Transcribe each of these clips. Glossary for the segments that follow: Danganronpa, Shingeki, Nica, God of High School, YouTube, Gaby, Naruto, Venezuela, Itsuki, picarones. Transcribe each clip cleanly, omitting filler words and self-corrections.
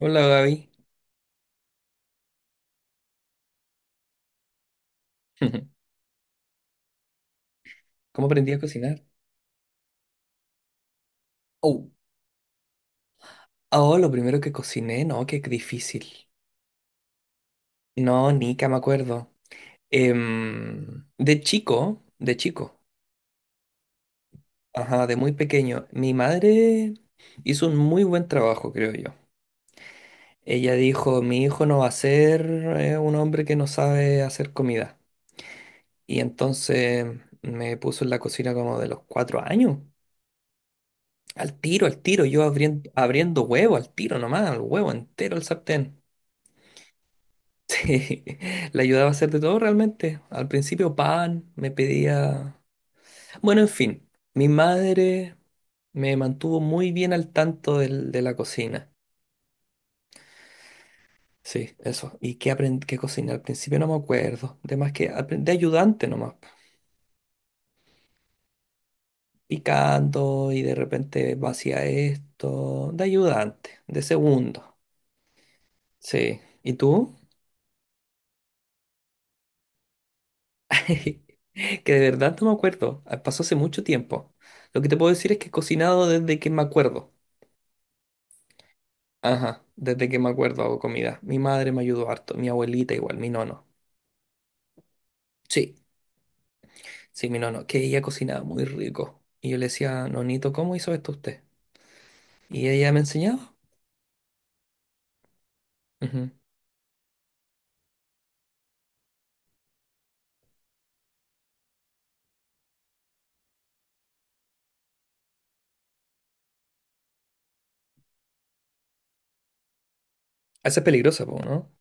Hola Gaby, ¿cómo aprendí a cocinar? Oh, oh, lo primero que cociné, no, qué difícil. No, Nica, me acuerdo. De chico, de chico, ajá, de muy pequeño, mi madre hizo un muy buen trabajo, creo yo. Ella dijo, mi hijo no va a ser un hombre que no sabe hacer comida. Y entonces me puso en la cocina como de los 4 años. Al tiro, yo abriendo, abriendo huevo, al tiro nomás, el huevo entero al sartén. Le ayudaba a hacer de todo realmente. Al principio pan, me pedía... Bueno, en fin, mi madre me mantuvo muy bien al tanto de la cocina. Sí, eso. ¿Y qué aprendí qué cociné? Al principio no me acuerdo. De más que aprendí de ayudante nomás. Picando y de repente vacía esto. De ayudante, de segundo. Sí. ¿Y tú? Que de verdad no me acuerdo. Ah, pasó hace mucho tiempo. Lo que te puedo decir es que he cocinado desde que me acuerdo. Ajá, desde que me acuerdo hago comida. Mi madre me ayudó harto, mi abuelita igual, mi nono. Sí, sí, mi nono, que ella cocinaba muy rico. Y yo le decía, Nonito, ¿cómo hizo esto usted? Y ella me enseñaba. Ujú. Esa es peligrosa, po, ¿no?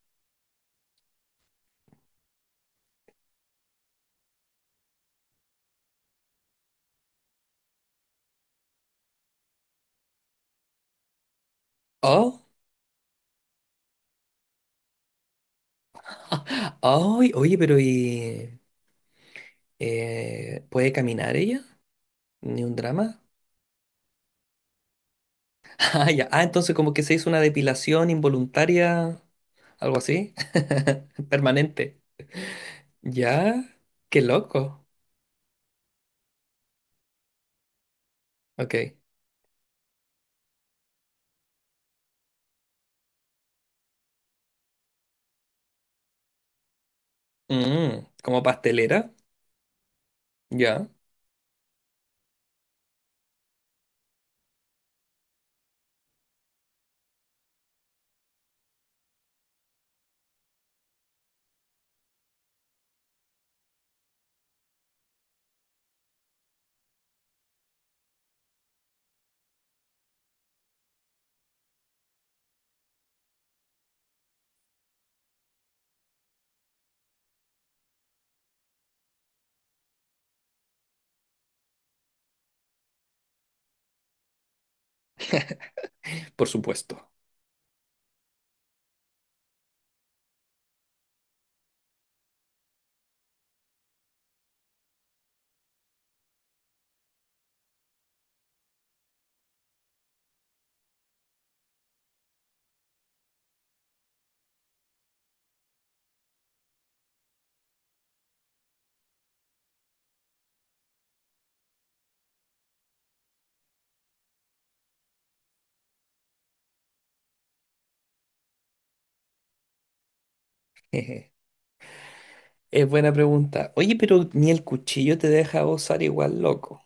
Oh, ay, oye, pero ¿y puede caminar ella? ¿Ni un drama? Ah, ya. Ah, entonces como que se hizo una depilación involuntaria, algo así, permanente. Ya, qué loco. Ok. Mm, como pastelera. Ya, por supuesto. Jeje. Es buena pregunta. Oye, pero ni el cuchillo te deja gozar igual, loco.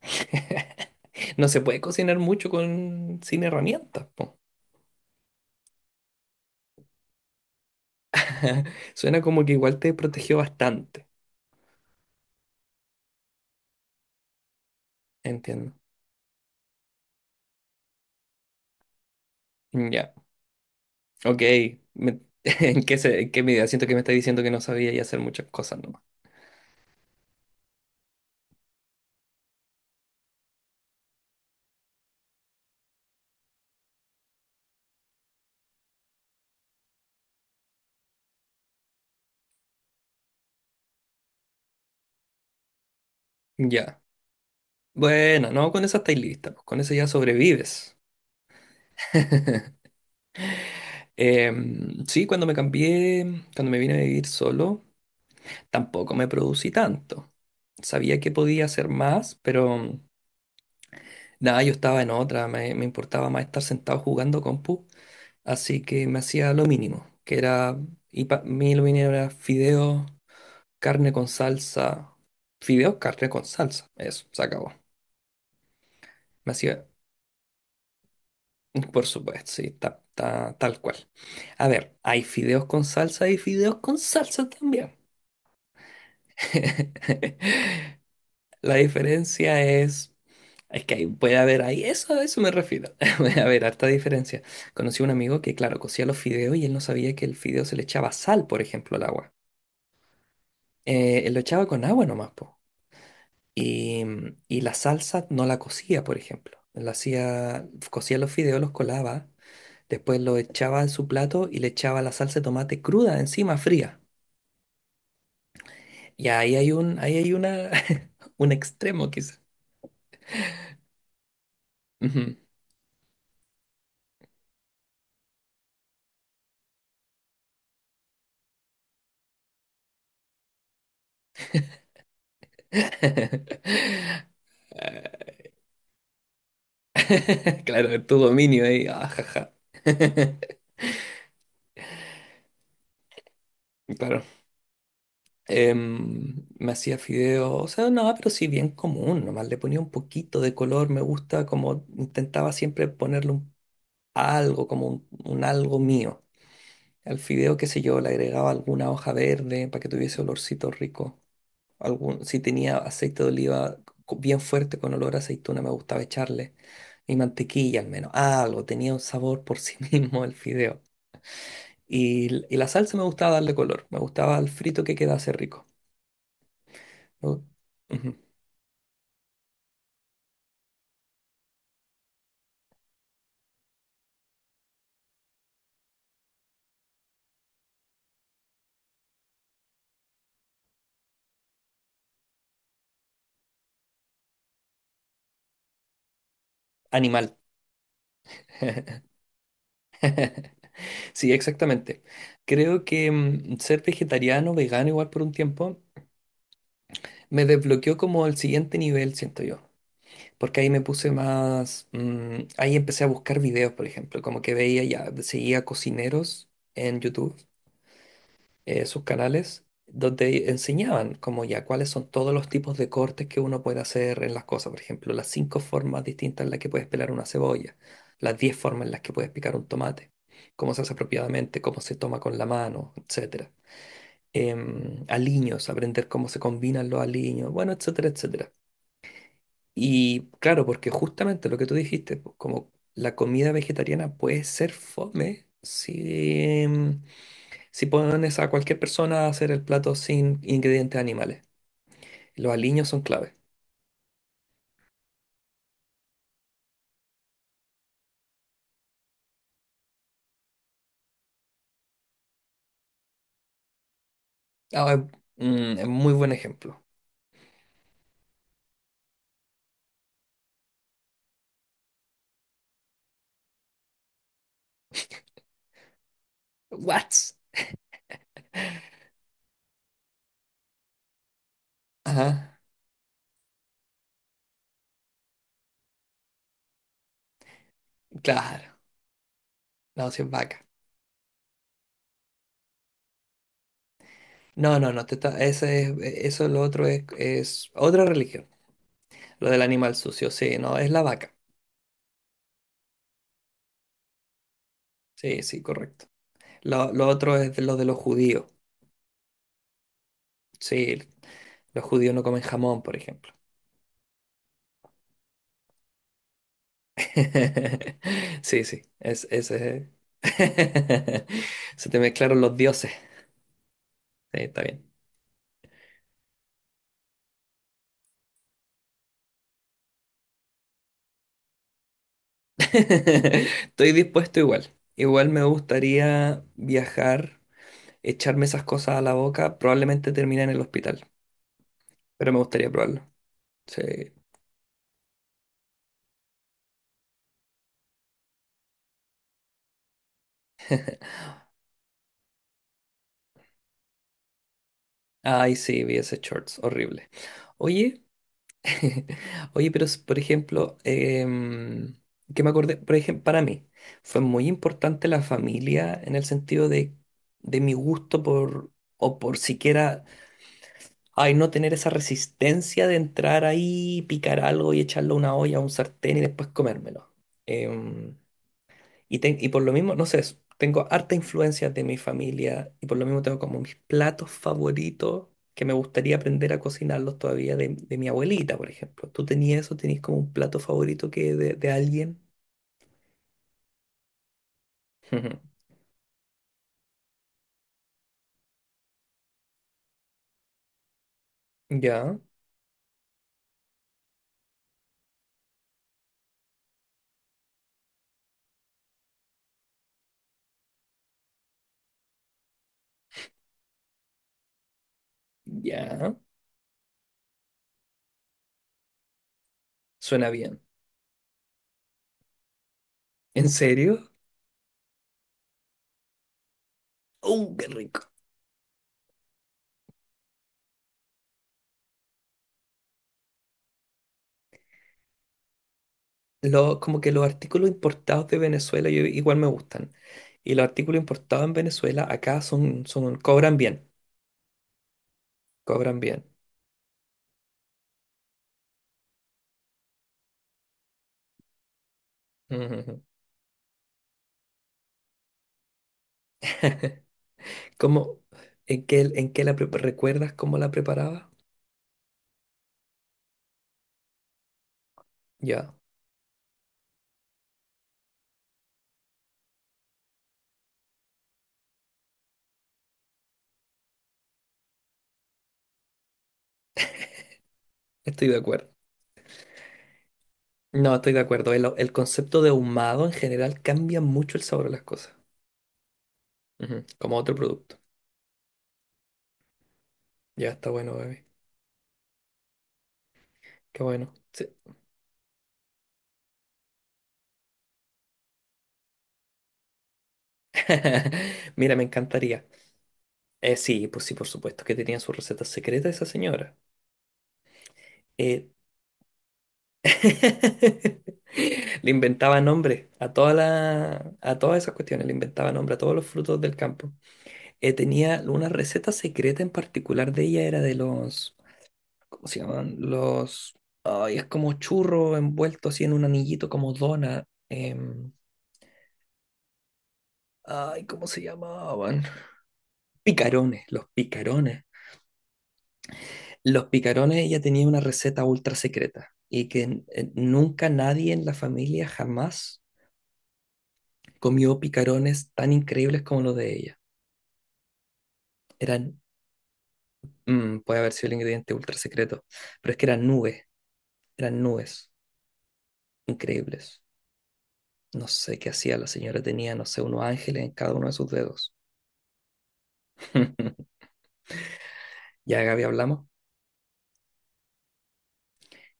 No se puede cocinar mucho con sin herramientas, po. Suena como que igual te protegió bastante. Entiendo. Ya, ok. Me- ¿En qué, en qué medida? Siento que me está diciendo que no sabía y hacer muchas cosas nomás. Ya. Bueno, no, con esa estáis lista, pues, con eso ya sobrevives. Sí, cuando me cambié, cuando me vine a vivir solo. Tampoco me producí tanto. Sabía que podía hacer más, pero nada, yo estaba en otra, me importaba más estar sentado jugando compu, así que me hacía lo mínimo, que era, y para mí lo mínimo era fideos, carne con salsa, fideos, carne con salsa, eso, se acabó. Me hacía, por supuesto, sí, tal cual. A ver, hay fideos con salsa y fideos con salsa también. La diferencia es que ahí puede haber ahí, eso a eso me refiero, puede haber harta diferencia. Conocí a un amigo que, claro, cocía los fideos y él no sabía que el fideo se le echaba sal, por ejemplo, al agua. Él lo echaba con agua nomás, po. Y la salsa no la cocía, por ejemplo. La hacía, cocía los fideos, los colaba, después lo echaba en su plato y le echaba la salsa de tomate cruda encima, fría. Y ahí hay una, un extremo quizá. Ujú. Claro, tu dominio ahí, ah, jaja. Claro. Me hacía fideo, o sea, no, pero sí bien común, nomás le ponía un poquito de color, me gusta como intentaba siempre ponerle un algo, como un algo mío. Al fideo, qué sé yo, le agregaba alguna hoja verde para que tuviese olorcito rico. Algún, si tenía aceite de oliva bien fuerte con olor a aceituna, me gustaba echarle. Y mantequilla al menos, ah, algo, tenía un sabor por sí mismo el fideo. Y la salsa me gustaba darle color, me gustaba el frito que quedase rico. Me gu- Ujú. Animal. Sí, exactamente. Creo que ser vegetariano, vegano igual por un tiempo, me desbloqueó como el siguiente nivel, siento yo. Porque ahí me puse más, ahí empecé a buscar videos, por ejemplo, como que veía ya, seguía cocineros en YouTube sus canales donde enseñaban como ya cuáles son todos los tipos de cortes que uno puede hacer en las cosas. Por ejemplo, las cinco formas distintas en las que puedes pelar una cebolla, las 10 formas en las que puedes picar un tomate, cómo se hace apropiadamente, cómo se toma con la mano, etcétera. Aliños, aprender cómo se combinan los aliños, bueno, etcétera, etcétera. Y claro, porque justamente lo que tú dijiste, pues, como la comida vegetariana puede ser fome si si pones a cualquier persona a hacer el plato sin ingredientes animales, los aliños son clave. Ah, es muy buen ejemplo. What? Ajá, claro. No, si es vaca. No, no, no, te está- ese es- eso lo otro es otra religión. Lo del animal sucio, sí, no, es la vaca. Sí, sí, correcto. Lo otro es de lo de los judíos. Sí, los judíos no comen jamón, por ejemplo. Sí, sí, ese es. Se te mezclaron los dioses. Sí, está bien. Estoy dispuesto igual. Igual me gustaría viajar, echarme esas cosas a la boca, probablemente termine en el hospital, pero me gustaría probarlo. Sí. Ay, sí, vi ese shorts, horrible. Oye, oye, pero por ejemplo, que me acordé, por ejemplo, para mí fue muy importante la familia en el sentido de mi gusto por, o por siquiera ay, no tener esa resistencia de entrar ahí, picar algo y echarlo a una olla, a un sartén y después comérmelo. Em, y por lo mismo, no sé, tengo harta influencia de mi familia y por lo mismo tengo como mis platos favoritos que me gustaría aprender a cocinarlos todavía de mi abuelita, por ejemplo. ¿Tú tenías eso? ¿Tenías como un plato favorito que de alguien? Ujú. Ya, ya, suena bien. ¿En serio? ¡Uh, qué rico! Lo, como que los artículos importados de Venezuela yo, igual me gustan. Y los artículos importados en Venezuela acá son, son, cobran bien, cobran bien. Ujú. ¿Cómo, en qué la recuerdas cómo la preparaba? Ya, estoy de acuerdo. No, estoy de acuerdo. El concepto de ahumado en general cambia mucho el sabor de las cosas. Ujú, como otro producto. Ya está bueno, bebé. Qué bueno. Sí. Mira, me encantaría. Sí, pues sí, por supuesto que tenía su receta secreta esa señora. Eh, Le inventaba nombre a a todas esas cuestiones, le inventaba nombre a todos los frutos del campo. Tenía una receta secreta en particular de ella, era de los, ¿cómo se llaman? Los, ay, es como churro envuelto así en un anillito como dona. Ay, ¿cómo se llamaban? Picarones, los picarones. Los picarones, ella tenía una receta ultra secreta y que nunca nadie en la familia jamás comió picarones tan increíbles como los de ella. Eran, puede haber sido el ingrediente ultra secreto, pero es que eran nubes increíbles. No sé qué hacía la señora, tenía, no sé, unos ángeles en cada uno de sus dedos. Ya, Gaby, hablamos.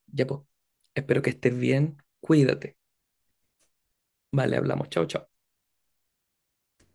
Ya, pues. Espero que estés bien. Cuídate. Vale, hablamos. Chao, chao.